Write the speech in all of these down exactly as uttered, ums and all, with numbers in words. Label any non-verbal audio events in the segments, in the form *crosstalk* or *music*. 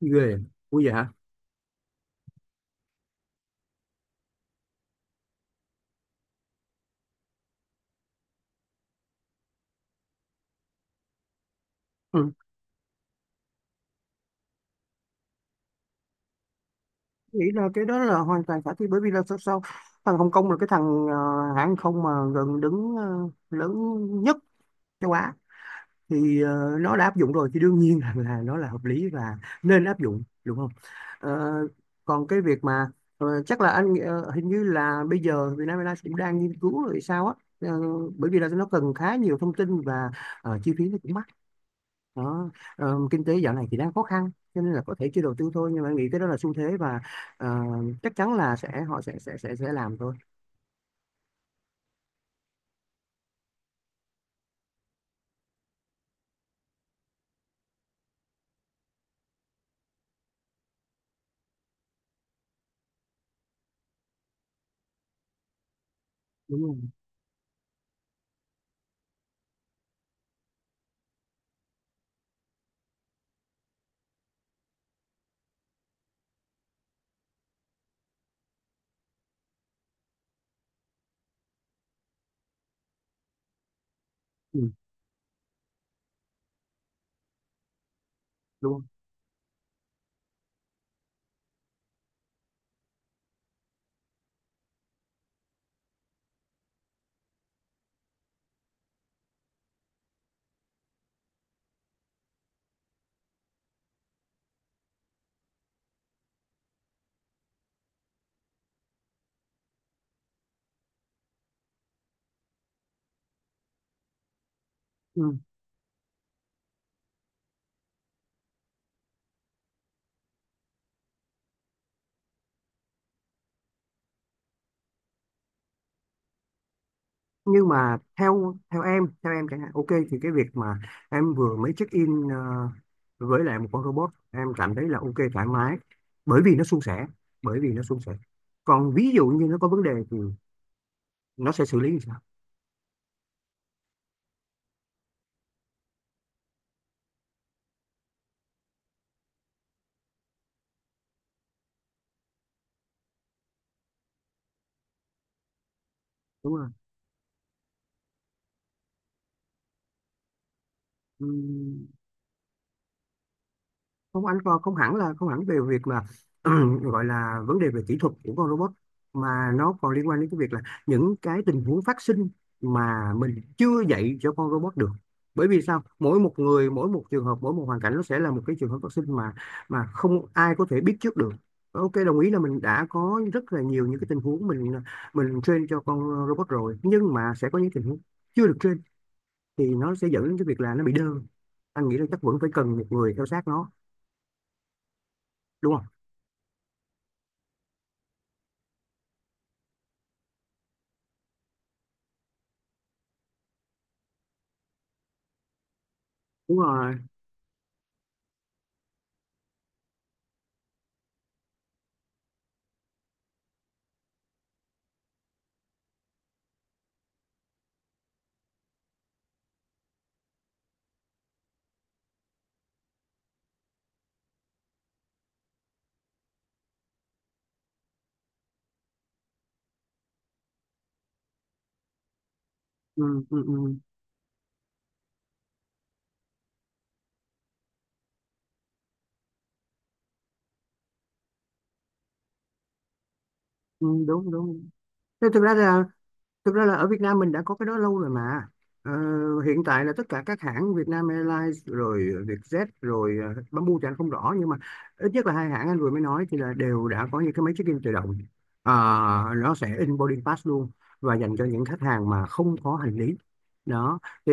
Ghê. Ui, vậy hả? Ừ. Nghĩ là cái đó là hoàn toàn khả thi, bởi vì là sao sao thằng Hồng Kông là cái thằng ờ, hãng không mà gần đứng ờ, lớn nhất châu Á, thì ờ, nó đã áp dụng rồi, thì đương nhiên *laughs* là, là nó là hợp lý và nên áp dụng, đúng không? Ờ, Còn cái việc mà ờ, chắc là anh nghĩ- ờ, hình như là bây giờ Vietnam Airlines cũng đang nghiên cứu rồi sao á. Ờ, Bởi vì là nó cần khá nhiều thông tin và ờ, chi phí nó cũng mắc đó. Ờ, kinh tế dạo này thì đang khó khăn cho nên là có thể chưa đầu tư thôi, nhưng mà em nghĩ cái đó là xu thế và ờ, chắc chắn là sẽ họ sẽ sẽ sẽ sẽ làm thôi. Đúng không? Ừ, đúng không? Ừ. Nhưng mà theo theo em theo em chẳng hạn, ok, thì cái việc mà em vừa mới check in ờ, với lại một con robot, em cảm thấy là ok, thoải mái, bởi vì nó suôn sẻ. Bởi vì nó suôn sẻ Còn ví dụ như nó có vấn đề thì nó sẽ xử lý như sao? Đúng không? Ừ. Không, anh còn không hẳn là không hẳn về việc mà *clears throat* gọi là vấn đề về kỹ thuật của con robot, mà nó còn liên quan đến cái việc là những cái tình huống phát sinh mà mình chưa dạy cho con robot được. Bởi vì sao, mỗi một người, mỗi một trường hợp, mỗi một hoàn cảnh, nó sẽ là một cái trường hợp phát sinh mà mà không ai có thể biết trước được. Ok, đồng ý là mình đã có rất là nhiều những cái tình huống, mình mình train cho con robot rồi, nhưng mà sẽ có những tình huống chưa được train, thì nó sẽ dẫn đến cái việc là nó bị đơ. Anh nghĩ là chắc vẫn phải cần một người theo sát nó, đúng không? Đúng rồi. Ừ, ừ, ừ, ừ, đúng, đúng. Thế thực ra là Thực ra là ở Việt Nam mình đã có cái đó lâu rồi mà. Ờ, Hiện tại là tất cả các hãng, Vietnam Airlines rồi, Vietjet rồi, ờ, Bamboo thì anh không rõ, nhưng mà ít nhất là hai hãng anh vừa mới nói thì là đều đã có những cái máy check-in tự động. Ờ, nó sẽ in boarding pass luôn, và dành cho những khách hàng mà không có hành lý. Đó. thì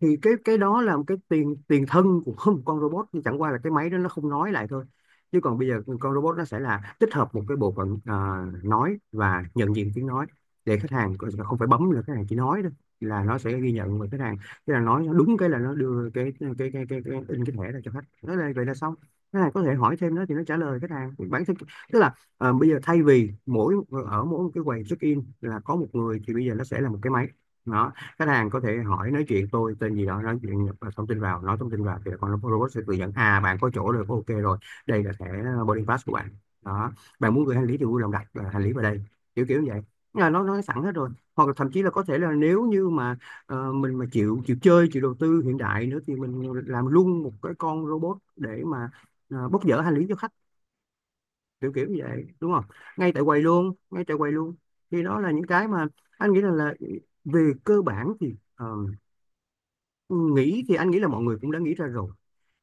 thì cái cái đó là một cái tiền tiền thân của *laughs* một con robot, nhưng chẳng qua là cái máy đó nó không nói lại thôi. Chứ còn bây giờ con robot nó sẽ là tích hợp một cái bộ phận ờ, nói và nhận diện tiếng nói, để khách hàng coi- không phải bấm, là khách hàng chỉ nói đó, là nó sẽ ghi nhận và khách hàng, thế là nói nó đúng cái là nó đưa cái cái cái cái, cái, cái in cái thẻ ra cho khách. Nói là vậy là xong. Khách hàng có thể hỏi thêm nữa thì nó trả lời khách hàng bản thân. Tức là ờ, bây giờ, thay vì mỗi ở mỗi một cái quầy check in là có một người, thì bây giờ nó sẽ là một cái máy. Đó, khách hàng có thể hỏi, nói chuyện tôi tên gì đó, nói chuyện nhập à, thông tin vào, nói thông tin vào, thì con robot sẽ tự dẫn: à, bạn có chỗ rồi, có ok rồi, đây là thẻ boarding pass của bạn. Đó, bạn muốn gửi hành lý thì vui lòng đặt ờ, hành lý vào đây. Kiểu kiểu như vậy, là nó nó sẵn hết rồi. Hoặc là thậm chí là có thể là nếu như mà ờ, mình mà chịu chịu chơi chịu đầu tư hiện đại nữa, thì mình làm luôn một cái con robot để mà ờ, bốc dỡ hành lý cho khách. Kiểu kiểu như vậy, đúng không? Ngay tại quầy luôn, ngay tại quầy luôn. Thì đó là những cái mà anh nghĩ là, là về cơ bản thì ờ, nghĩ thì anh nghĩ là mọi người cũng đã nghĩ ra rồi,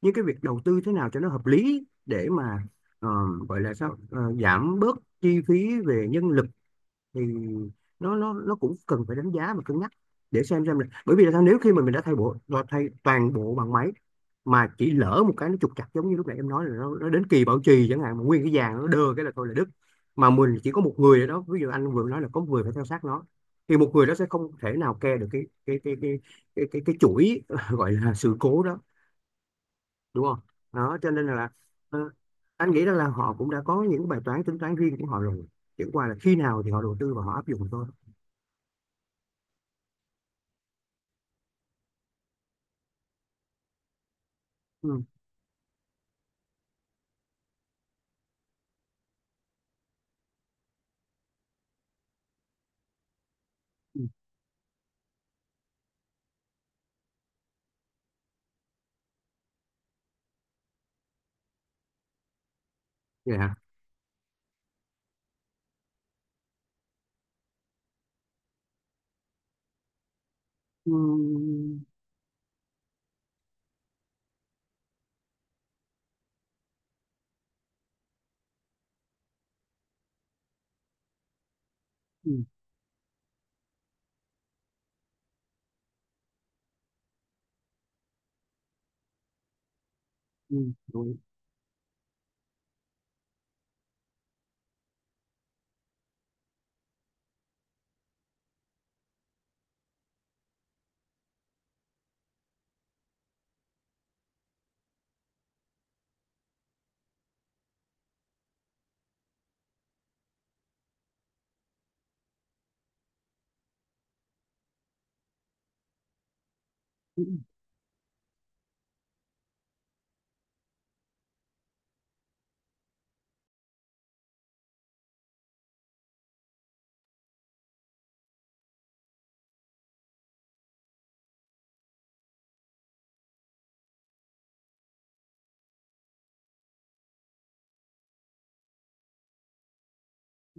nhưng cái việc đầu tư thế nào cho nó hợp lý để mà ờ, gọi là sao, Ờ, giảm bớt chi phí về nhân lực, thì nó nó nó cũng cần phải đánh giá và cân nhắc, để xem xem là bởi vì là sao, nếu khi mà mình đã thay bộ đã thay toàn bộ bằng máy, mà chỉ lỡ một cái nó trục trặc, giống như lúc nãy em nói, là nó, nó đến kỳ bảo trì chẳng hạn, mà nguyên cái vàng nó đơ cái là thôi là đứt, mà mình chỉ có một người ở đó, ví dụ anh vừa nói là có một người phải theo sát nó, thì một người đó sẽ không thể nào care được cái cái cái cái cái cái, cái chuỗi *laughs* gọi là sự cố đó, đúng không? Đó cho nên là ờ, anh nghĩ rằng là họ cũng đã có những bài toán tính toán riêng của họ rồi, chẳng qua là khi nào thì họ đầu tư và họ áp dụng thôi. Ừ, ừ, vậy hả? Ừ, ừ, ừ, đúng. Ừ.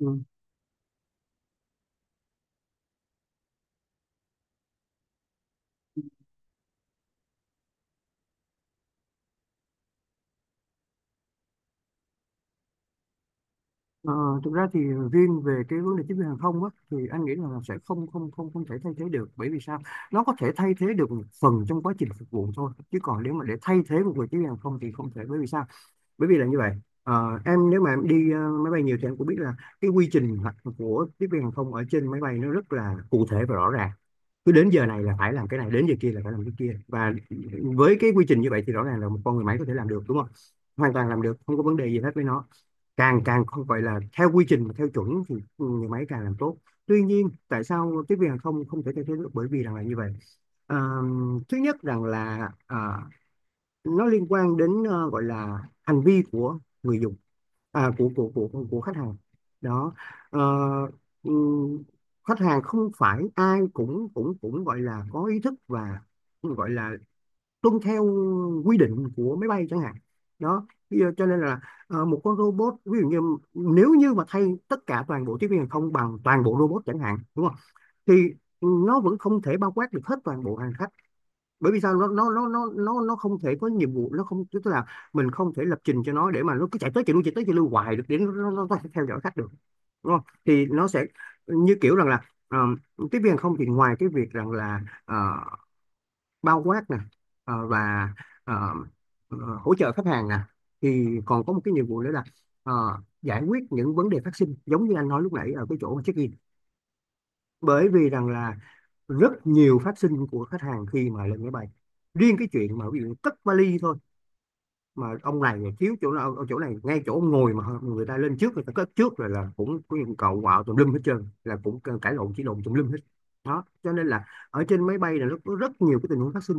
Ừ. Ờ, Thực ra thì riêng về cái vấn đề tiếp viên hàng không á, thì anh nghĩ là sẽ không không không không thể thay thế được, bởi vì sao. Nó có thể thay thế được một phần trong quá trình phục vụ thôi, chứ còn nếu mà để thay thế một người tiếp viên hàng không thì không thể, bởi vì sao, bởi vì là như vậy. Ờ, em, nếu mà em đi ờ, máy bay nhiều thì em cũng biết là cái quy trình hoạt- của tiếp viên hàng không ở trên máy bay nó rất là cụ thể và rõ ràng, cứ đến giờ này là phải làm cái này, đến giờ kia là phải làm cái kia. Và với cái quy trình như vậy thì rõ ràng là một con người máy có thể làm được, đúng không? Hoàn toàn làm được, không có vấn đề gì hết với nó. Càng càng không phải là theo quy trình, mà theo chuẩn thì người máy càng làm tốt. Tuy nhiên tại sao tiếp viên hàng không không thể thay thế được, bởi vì rằng là như vậy. Ờ, Thứ nhất rằng là à, nó liên quan đến ờ, gọi là hành vi của người dùng, à, của của của của khách hàng. Đó. Ờ, ừm, Khách hàng không phải ai cũng cũng cũng gọi là có ý thức và gọi là tuân theo quy định của máy bay chẳng hạn. Đó. Bây giờ cho nên là ờ, một con robot, ví dụ như, nếu như mà thay tất cả toàn bộ tiếp viên hàng không bằng toàn bộ robot chẳng hạn, đúng không? Thì nó vẫn không thể bao quát được hết toàn bộ hành khách. Bởi vì sao, nó nó nó nó nó nó không thể có nhiệm vụ, nó không, tức là mình không thể lập trình cho nó để mà nó cứ chạy tới chạy lui, chạy tới chạy lui hoài được, để nó, nó, nó có thể theo dõi khách được, đúng không? Thì nó sẽ như kiểu rằng là ờ, tiếp viên hàng không thì ngoài cái việc rằng là ờ, bao quát nè, ờ, và ờ, ờ, hỗ trợ khách hàng nè, thì còn có một cái nhiệm vụ nữa là ờ, giải quyết những vấn đề phát sinh, giống như anh nói lúc nãy ở cái chỗ check-in. Bởi vì rằng là rất nhiều phát sinh của khách hàng khi mà lên máy bay, riêng cái chuyện mà ví dụ cất vali thôi, mà ông này thiếu chỗ nào ở chỗ này, ngay chỗ ông ngồi mà người ta lên trước người ta cất trước rồi, là cũng có những cậu quạo tùm lum hết trơn, là cũng cãi lộn chỉ lộn tùm lum hết. Đó cho nên là ở trên máy bay là nó có rất nhiều cái tình huống phát sinh,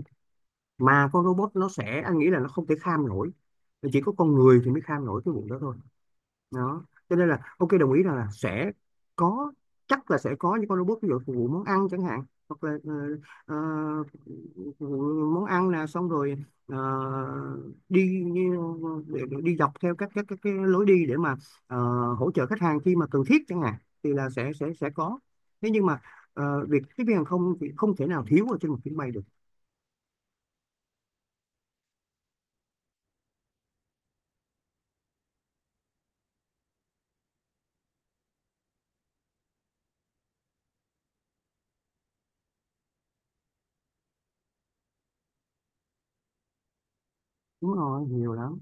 mà con robot nó sẽ, anh nghĩ là nó không thể kham nổi, chỉ có con người thì mới kham nổi cái vụ đó thôi. Đó cho nên là ok, đồng ý rằng là sẽ có, chắc là sẽ có những con robot ví dụ phục vụ món ăn chẳng hạn, hoặc là ờ, ờ, phục vụ món ăn là xong rồi ờ, đi, để- để đi dọc theo các các các cái lối đi để mà ờ, hỗ trợ khách hàng khi mà cần thiết chẳng hạn, thì là sẽ sẽ sẽ có. Thế nhưng mà ờ, việc tiếp viên hàng không thì không thể nào thiếu ở trên một chuyến bay được. Đúng rồi, nhiều lắm.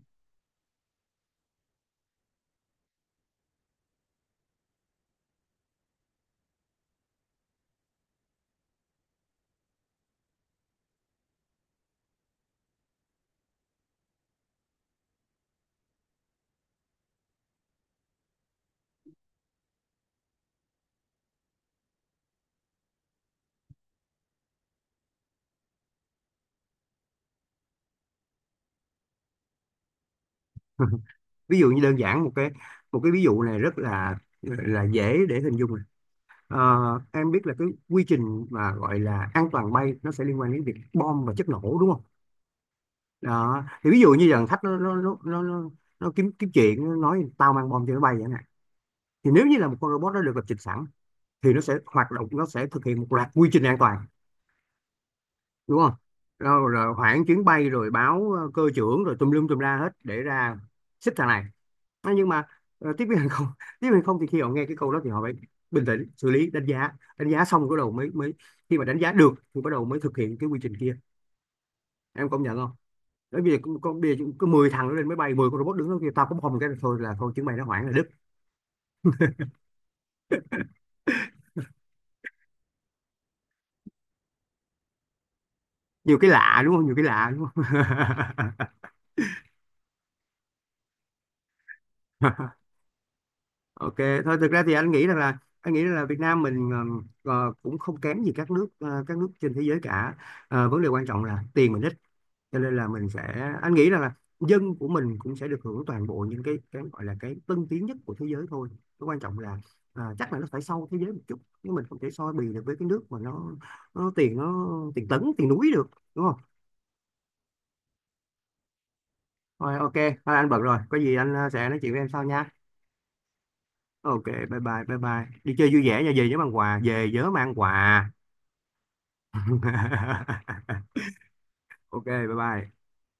*laughs* Ví dụ như đơn giản một cái một cái ví dụ này rất là là dễ để hình dung. Ờ, em biết là cái quy trình mà gọi là an toàn bay nó sẽ liên quan đến việc bom và chất nổ, đúng không? Đó. Thì ví dụ như dàn khách nó nó nó nó, nó, nó kiếm kiếm chuyện, nó nói tao mang bom cho nó bay vậy nè. Thì nếu như là một con robot nó được lập trình sẵn thì nó sẽ hoạt động, nó sẽ thực hiện một loạt quy trình an toàn, đúng không? Rồi, rồi hoãn chuyến bay, rồi báo ờ, cơ trưởng, rồi tùm lum tùm la hết để ra xích thằng này. Thế nhưng mà ờ, tiếp viên hàng không *laughs* tiếp viên hàng không thì khi họ nghe cái câu đó thì họ phải bình tĩnh xử lý, đánh giá đánh giá xong bắt đầu mới mới khi mà đánh giá được thì bắt đầu mới thực hiện cái quy trình kia. Em công nhận không? Bởi vì con con- bây giờ có mười thằng nó lên máy bay, mười con robot đứng đó, kia tao cũng không, cái thôi là thôi, chứng mày nó hoảng là đứt. Nhiều cái lạ đúng không, nhiều cái lạ đúng không? *laughs* Ok thôi, thực ra thì anh nghĩ rằng là anh nghĩ rằng là Việt Nam mình ờ, ờ, cũng không kém gì các nước ờ, các nước trên thế giới cả. Ờ, vấn đề quan trọng là tiền mình ít, cho nên là mình sẽ, anh nghĩ rằng là dân của mình cũng sẽ được hưởng toàn bộ những cái cái gọi là cái tân tiến nhất của thế giới thôi. Cái quan trọng là à, chắc là nó phải sau thế giới một chút, nhưng mình không thể so bì được với cái nước mà nó nó tiền, nó tiền tấn tiền núi được, đúng không? Rồi ok thôi, anh bận rồi, có gì anh ờ, sẽ nói chuyện với em sau nha. Ok, bye bye bye bye, đi chơi vui vẻ nha, về nhớ mang quà, về nhớ mang quà. *laughs* Ok, bye bye.